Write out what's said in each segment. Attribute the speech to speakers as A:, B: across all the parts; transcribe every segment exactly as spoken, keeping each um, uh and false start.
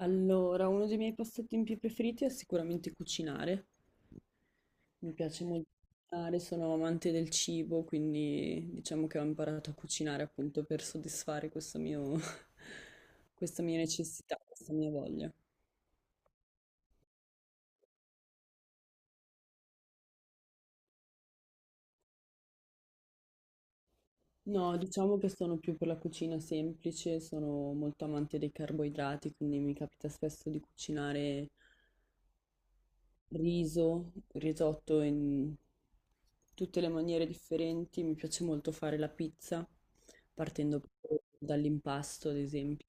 A: Allora, uno dei miei passatempi più preferiti è sicuramente cucinare. Mi piace molto cucinare, sono amante del cibo, quindi diciamo che ho imparato a cucinare appunto per soddisfare questo mio, questa mia necessità, questa mia voglia. No, diciamo che sono più per la cucina semplice, sono molto amante dei carboidrati, quindi mi capita spesso di cucinare riso, risotto in- tutte le maniere differenti. Mi piace molto fare la pizza, partendo proprio dall'impasto, ad esempio.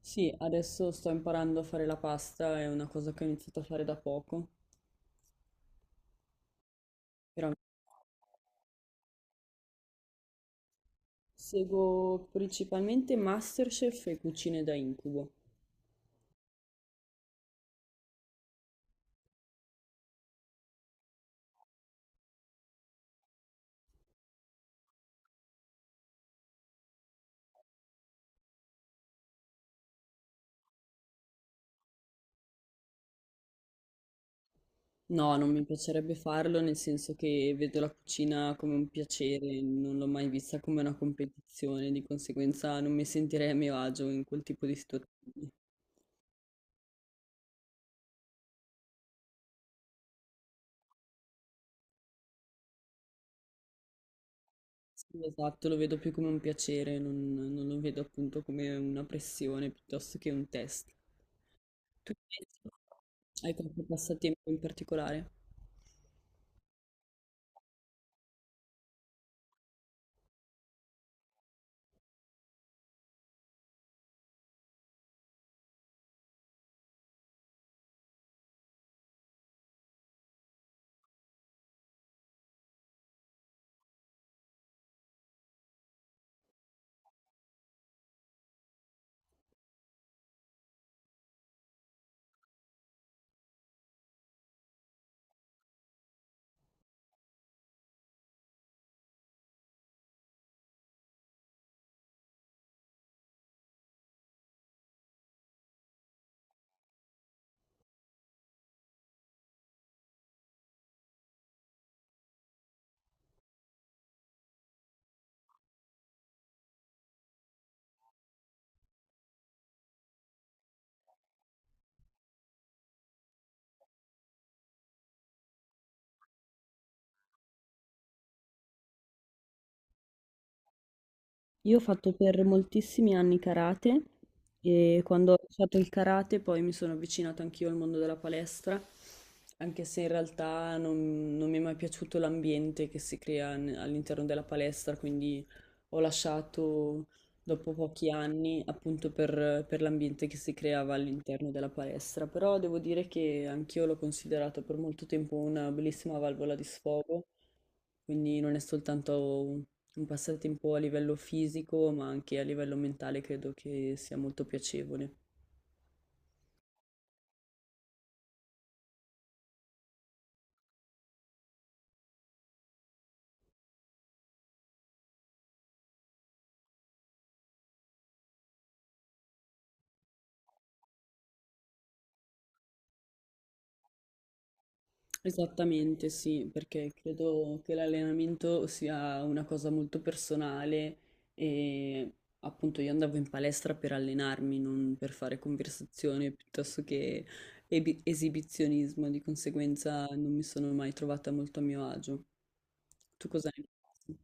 A: Sì, adesso sto imparando a fare la pasta, è una cosa che ho iniziato a fare da poco. Però seguo principalmente MasterChef e cucine da incubo. No, non mi piacerebbe farlo, nel senso che vedo la cucina come un piacere, non l'ho mai vista come una competizione, di conseguenza non mi sentirei a mio agio in quel tipo di situazioni. Sì, esatto, lo vedo più come un piacere, non, non lo vedo appunto come una pressione piuttosto che un test. Tu invece hai qualche passatempo in particolare? Io ho fatto per moltissimi anni karate e quando ho lasciato il karate poi mi sono avvicinata anch'io al mondo della palestra, anche se in realtà non, non mi è mai piaciuto l'ambiente che si crea n- all'interno della palestra, quindi ho lasciato dopo pochi anni appunto per, per l'ambiente che si creava all'interno della palestra, però devo dire che anch'io l'ho considerato per molto tempo una bellissima valvola di sfogo, quindi non è soltanto un un passatempo a livello fisico, ma anche a livello mentale credo che sia molto piacevole. Esattamente, sì, perché credo che l'allenamento sia una cosa molto personale e appunto io andavo in palestra per allenarmi, non per fare conversazione piuttosto che ebi- esibizionismo, di conseguenza non mi sono mai trovata molto a mio agio. Tu cosa ne pensi?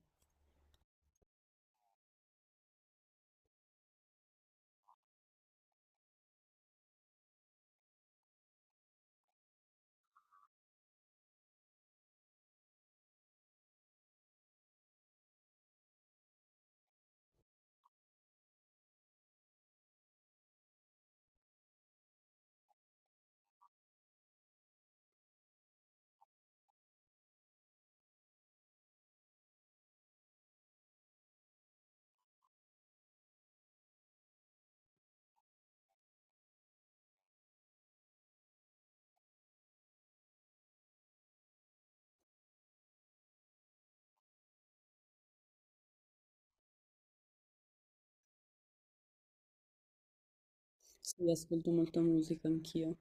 A: Sì, ascolto molta musica anch'io.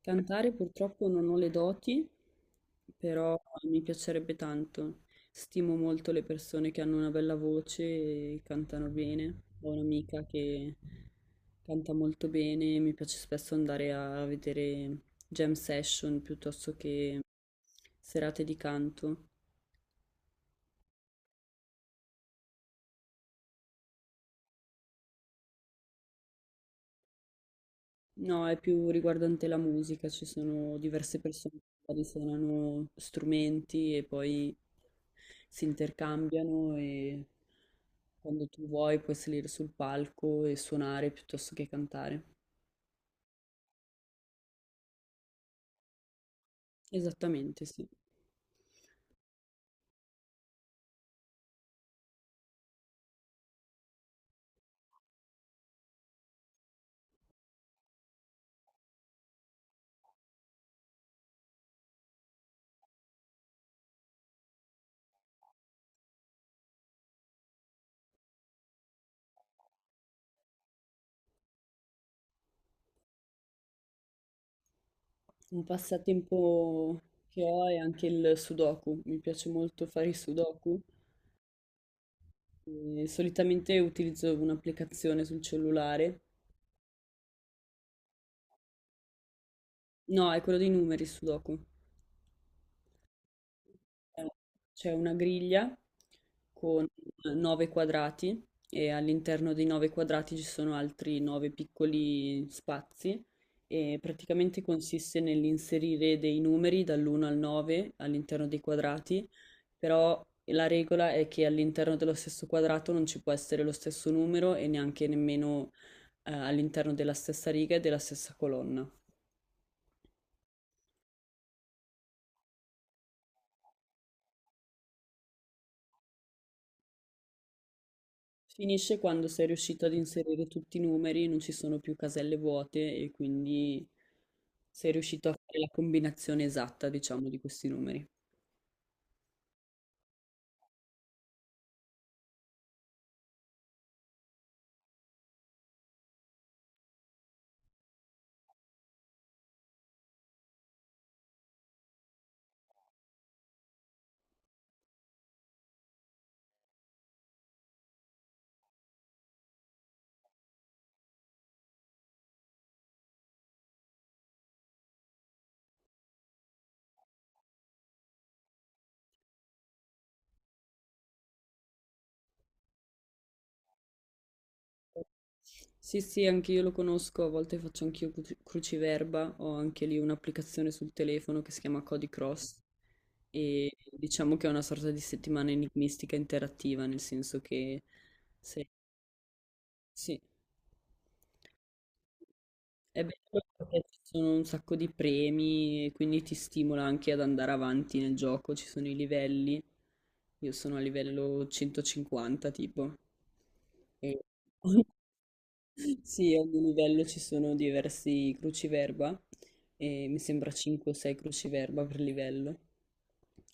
A: Cantare purtroppo non ho le doti, però mi piacerebbe tanto. Stimo molto le persone che hanno una bella voce e cantano bene. Ho un'amica che canta molto bene, mi piace spesso andare a vedere jam session piuttosto che serate di canto. No, è più riguardante la musica, ci sono diverse persone che magari suonano strumenti e poi si intercambiano e quando tu vuoi puoi salire sul palco e suonare piuttosto che cantare. Esattamente, sì. Un passatempo che ho è anche il sudoku, mi piace molto fare i sudoku. E solitamente utilizzo un'applicazione sul cellulare. No, è quello dei numeri, il sudoku. Eh, C'è una griglia con nove quadrati e all'interno dei nove quadrati ci sono altri nove piccoli spazi e praticamente consiste nell'inserire dei numeri dall'uno al nove all'interno dei quadrati, però la regola è che all'interno dello stesso quadrato non ci può essere lo stesso numero e neanche nemmeno eh, all'interno della stessa riga e della stessa colonna. Finisce quando sei riuscito ad inserire tutti i numeri, non ci sono più caselle vuote e quindi sei riuscito a fare la combinazione esatta, diciamo, di questi numeri. Sì, sì, anche io lo conosco, a volte faccio anch'io cru- cruciverba, ho anche lì un'applicazione sul telefono che si chiama Cody Cross e diciamo che è una sorta di settimana enigmistica interattiva, nel senso che se... sì. È bello perché ci sono un sacco di premi, e quindi ti stimola anche ad andare avanti nel gioco, ci sono i livelli. Io sono a livello centocinquanta tipo. E... sì, a ogni livello ci sono diversi cruciverba, e mi sembra cinque o sei cruciverba per livello.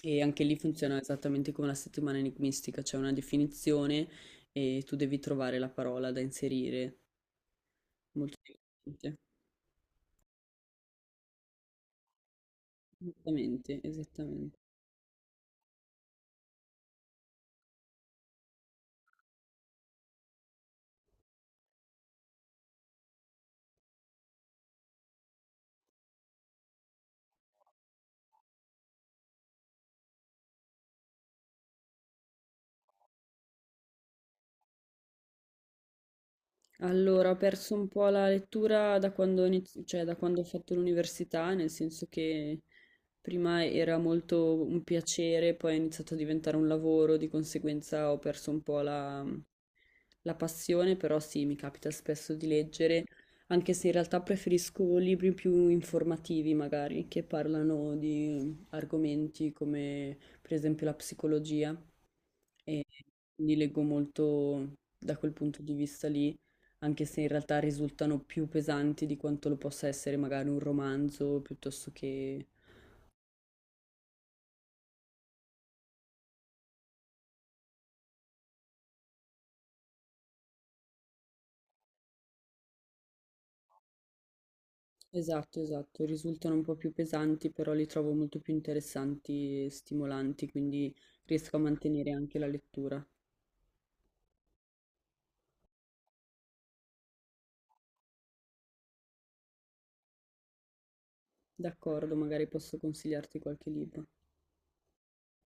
A: E anche lì funziona esattamente come la settimana enigmistica, c'è una definizione e tu devi trovare la parola da inserire. Molto divertente. Esattamente, esattamen. Allora, ho perso un po' la lettura da quando ho iniz- cioè, da quando ho fatto l'università, nel senso che prima era molto un piacere, poi è iniziato a diventare un lavoro, di conseguenza ho perso un po' la, la passione, però sì, mi capita spesso di leggere, anche se in realtà preferisco libri più informativi, magari, che parlano di argomenti come per esempio la psicologia, e quindi leggo molto da quel punto di vista lì anche se in realtà risultano più pesanti di quanto lo possa essere magari un romanzo piuttosto che... Esatto, esatto, risultano un po' più pesanti, però li trovo molto più interessanti e stimolanti, quindi riesco a mantenere anche la lettura. D'accordo, magari posso consigliarti qualche libro.